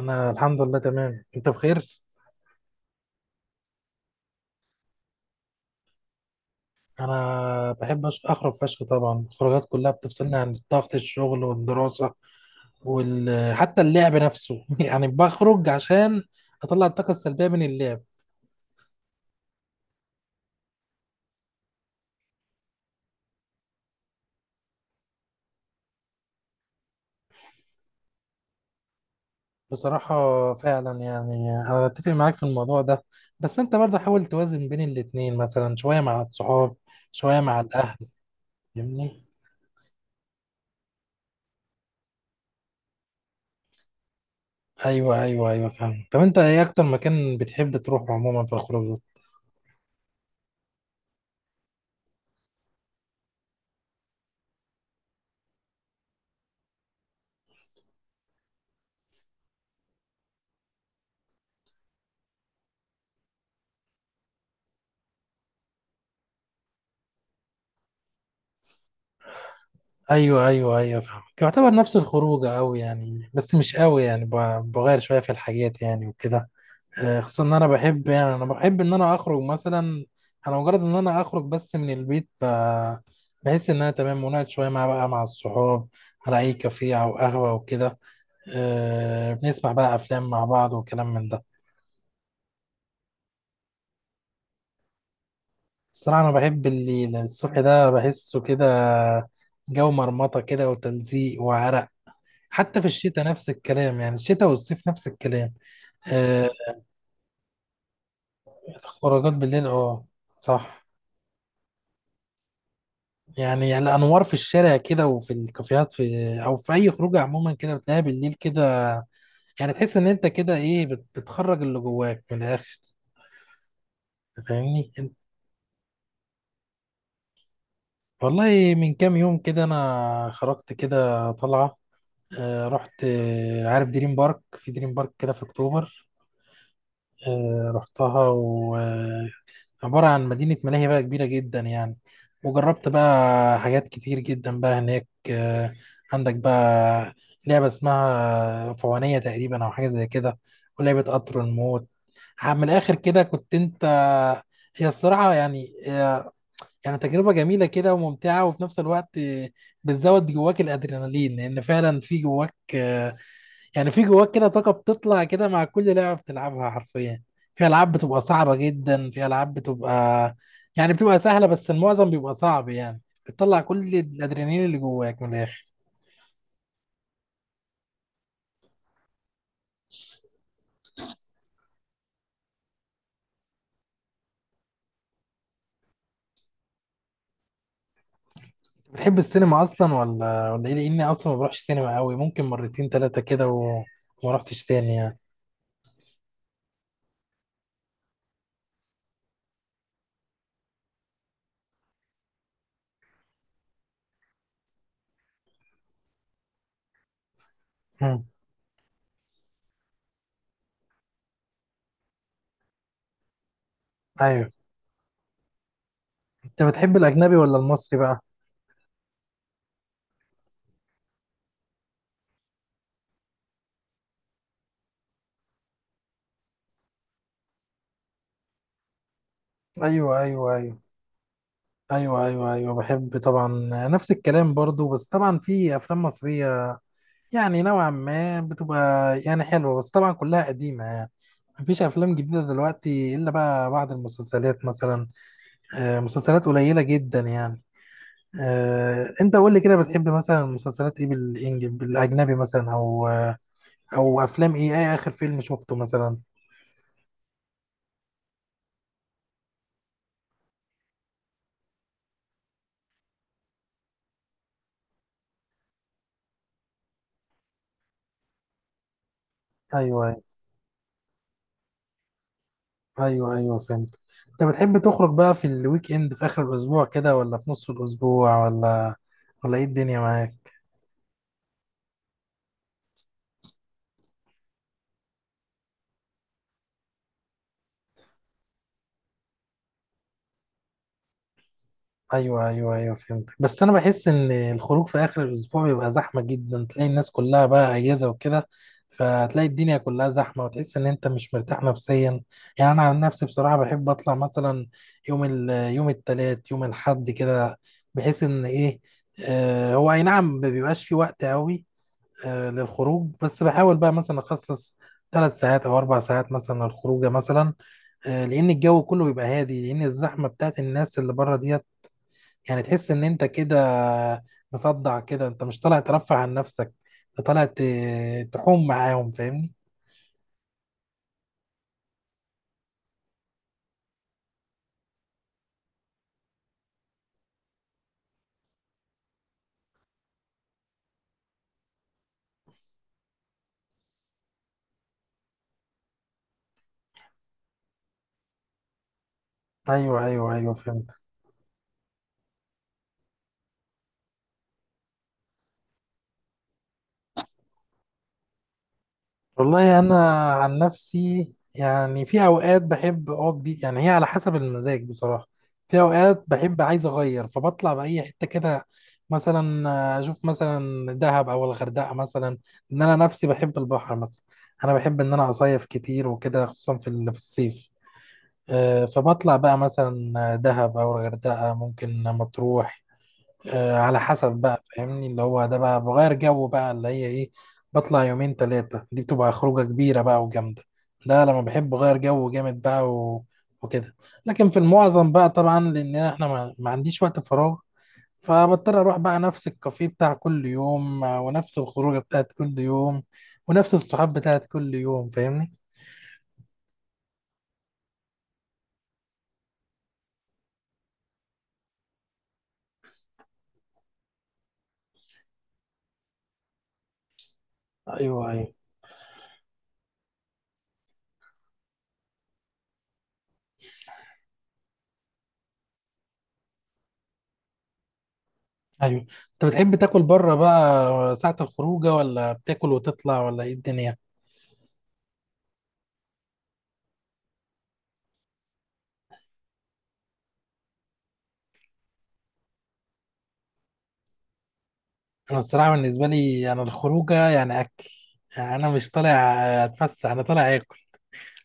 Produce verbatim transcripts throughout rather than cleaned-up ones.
انا الحمد لله تمام، انت بخير؟ انا بحب أش- اخرج فشخ طبعا، الخروجات كلها بتفصلني عن ضغط الشغل والدراسه وال... حتى اللعب نفسه يعني بخرج عشان اطلع الطاقه السلبيه من اللعب. بصراحه فعلا يعني انا اتفق معاك في الموضوع ده، بس انت برضه حاول توازن بين الاتنين، مثلا شويه مع الصحاب شويه مع الاهل. فاهمني؟ ايوه ايوه ايوه فاهم. طب انت ايه اكتر مكان بتحب تروح عموما في الخروج؟ ايوه ايوه ايوه فاهمك، يعتبر نفس الخروجه قوي يعني، بس مش قوي يعني ب- بغير شويه في الحاجات يعني وكده. آه، خصوصا ان انا بحب، يعني انا بحب ان انا اخرج مثلا. انا مجرد ان انا اخرج بس من البيت ب- بحس ان انا تمام، ونقعد شويه مع بقى مع الصحاب على اي كافيه او قهوه وكده. آه، بنسمع بقى افلام مع بعض وكلام من ده. الصراحه انا بحب الليل، الصبح ده بحسه كده جو مرمطه كده وتلزيق وعرق. حتى في الشتاء نفس الكلام، يعني الشتاء والصيف نفس الكلام. آه، الخروجات بالليل، اه صح. يعني يعني الانوار في الشارع كده وفي الكافيهات في او في اي خروجه عموما كده بتلاقيها بالليل كده، يعني تحس ان انت كده ايه بت- بتخرج اللي جواك من الاخر. فاهمني انت؟ والله من كام يوم كده انا خرجت كده طلعه، آه، رحت آه، عارف دريم بارك، في دريم بارك كده في اكتوبر. آه، رحتها. عبارة عن مدينة ملاهي بقى كبيرة جدا يعني، وجربت بقى حاجات كتير جدا بقى هناك. آه، عندك بقى لعبة اسمها فوانية تقريبا أو حاجة زي كده، ولعبة قطر الموت. ح- من الآخر كده كنت أنت. هي الصراحة يعني آه، يعني تجربة جميلة كده وممتعة، وفي نفس الوقت آه، بتزود جواك الأدرينالين، لأن فعلا في جواك آه، يعني في جواك كده طاقة بتطلع كده مع كل لعبة بتلعبها حرفيا. في ألعاب بتبقى صعبة جدا، في ألعاب بتبقى يعني بتبقى سهلة، بس المعظم بيبقى صعب يعني، بتطلع كل الأدرينالين اللي جواك من الآخر. بتحب السينما أصلا ولا ولا إيه؟ لأني أصلا ما بروحش سينما قوي، ممكن مرتين تلاتة كده و- وما رحتش تاني يعني. مم. أيوه. أنت بتحب الأجنبي ولا المصري بقى؟ أيوه أيوه أيوه، أيوه أيوه أيوه بحب طبعا، نفس الكلام برضو، بس طبعا في أفلام مصرية يعني نوعا ما بتبقى يعني حلوة، بس طبعا كلها قديمة يعني، مفيش أفلام جديدة دلوقتي إلا بقى بعض المسلسلات مثلا. آه، مسلسلات قليلة جدا يعني. آه، أنت قول لي كده بتحب مثلا مسلسلات إيه بالإنج بالأجنبي مثلا أو آه، أو أفلام إيه إيه آخر فيلم شفته مثلا؟ أيوه أيوه أيوه، أيوه، فهمت. أنت بتحب تخرج بقى في الويك إند في آخر الأسبوع كده ولا في نص الأسبوع ولا ولا إيه الدنيا معاك؟ ايوه ايوه ايوه فهمتك، بس انا بحس ان الخروج في اخر الاسبوع بيبقى زحمه جدا، تلاقي الناس كلها بقى اجازه وكده، فتلاقي الدنيا كلها زحمه وتحس ان انت مش مرتاح نفسيا. يعني انا عن نفسي بصراحه بحب اطلع مثلا يوم ال يوم التلات يوم الحد كده، بحيث ان ايه آه هو اي نعم، ما بيبقاش في وقت قوي آه للخروج، بس بحاول بقى مثلا اخصص ثلاث ساعات او اربع ساعات مثلا للخروجه مثلا، آه، لان الجو كله بيبقى هادي، لان الزحمه بتاعت الناس اللي بره دي يعني تحس ان انت كده مصدع كده، انت مش طالع ترفع عن نفسك، انت طالع ت- تحوم معاهم فاهمني. ايوه ايوه ايوه فهمت. والله انا عن نفسي يعني في اوقات بحب اقعد، دي يعني هي على حسب المزاج بصراحه، في اوقات بحب عايز اغير فبطلع باي حته كده، مثلا اشوف مثلا دهب او الغردقه مثلا، ان انا نفسي بحب البحر مثلا. انا بحب ان انا اصيف كتير وكده خصوصا في ال- في الصيف. آه، فبطلع بقى مثلا دهب أو الغردقة ممكن مطروح آه، على حسب بقى فاهمني، اللي هو ده بقى بغير جو بقى اللي هي إيه. بطلع يومين تلاتة، دي بتبقى خروجة كبيرة بقى وجامدة، ده لما بحب أغير جو جامد بقى و... وكده. لكن في المعظم بقى طبعا لأن إحنا ما, ما عنديش وقت فراغ، فبضطر اروح بقى نفس الكافيه بتاع كل يوم، آه، ونفس الخروجه بتاعت كل يوم ونفس الصحاب بتاعت كل يوم فاهمني. ايوه ايوه ايوه. انت بتحب تاكل بره بقى ساعة الخروجه، ولا بتاكل وتطلع، ولا ايه الدنيا؟ انا الصراحه بالنسبه لي انا الخروجه يعني اكل، يعني انا مش طالع اتفسح انا طالع اكل،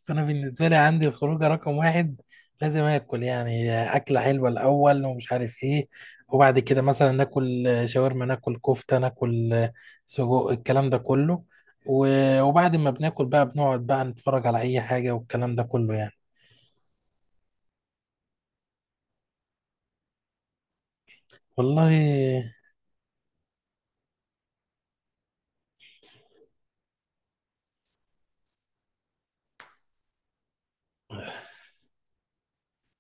فانا بالنسبه لي عندي الخروجه رقم واحد لازم اكل يعني، اكله حلوه الاول ومش عارف ايه، وبعد كده مثلا ناكل شاورما ناكل كفته ناكل سجق الكلام ده كله، و- وبعد ما بناكل بقى بنقعد بقى نتفرج على اي حاجه والكلام ده كله يعني. والله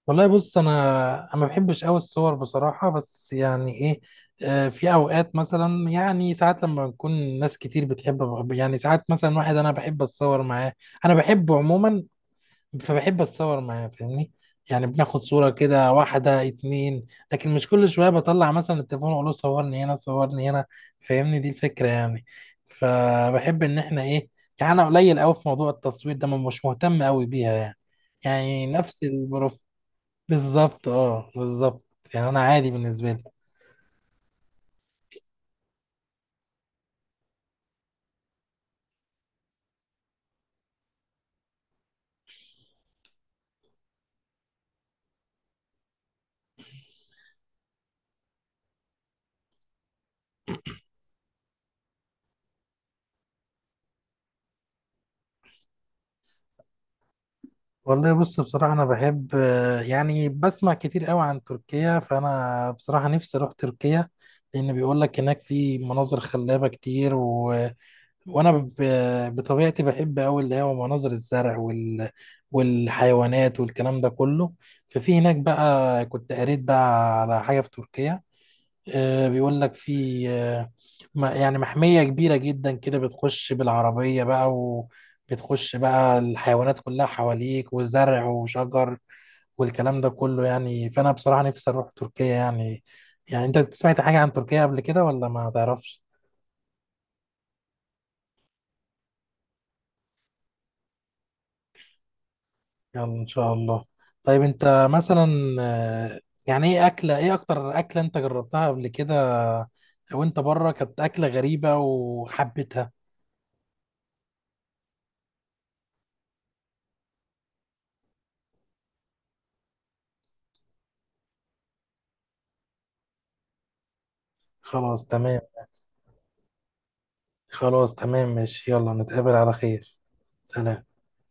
والله بص انا انا ما بحبش قوي الصور بصراحه، بس يعني ايه آه، في اوقات مثلا يعني ساعات لما بنكون ناس كتير بتحب يعني ساعات مثلا واحد انا بحب اتصور معاه، انا بحبه عموما، فبحب اتصور معاه فاهمني. يعني بناخد صوره كده واحده اتنين، لكن مش كل شويه بطلع مثلا التليفون واقول له صورني هنا صورني هنا فاهمني، دي الفكره يعني. فبحب ان احنا ايه، يعني انا قليل قوي في موضوع التصوير ده ما- مش مهتم قوي بيها يعني، يعني نفس البروف. بالظبط اه بالظبط. يعني انا عادي بالنسبه لي. والله بص بصراحه انا بحب، يعني بسمع كتير قوي عن تركيا، فانا بصراحه نفسي اروح تركيا، لان بيقول لك هناك في مناظر خلابه كتير و... وانا ب... بطبيعتي بحب قوي اللي هو مناظر الزرع وال... والحيوانات والكلام ده كله. ففي هناك بقى كنت قريت بقى على حاجه في تركيا، آه، بيقول لك في آه، ما- يعني محمية كبيرة جدا كده بتخش بالعربية بقى وبتخش بقى الحيوانات كلها حواليك وزرع وشجر والكلام ده كله يعني. فأنا بصراحة نفسي أروح تركيا يعني. يعني أنت سمعت حاجة عن تركيا قبل كده ولا ما تعرفش؟ يلا إن شاء الله. طيب أنت مثلا آه، يعني إيه أكلة إيه أكتر أكلة أنت جربتها قبل كده وأنت بره كانت أكلة غريبة وحبيتها؟ خلاص تمام. خلاص تمام ماشي، يلا نتقابل على خير. سلام.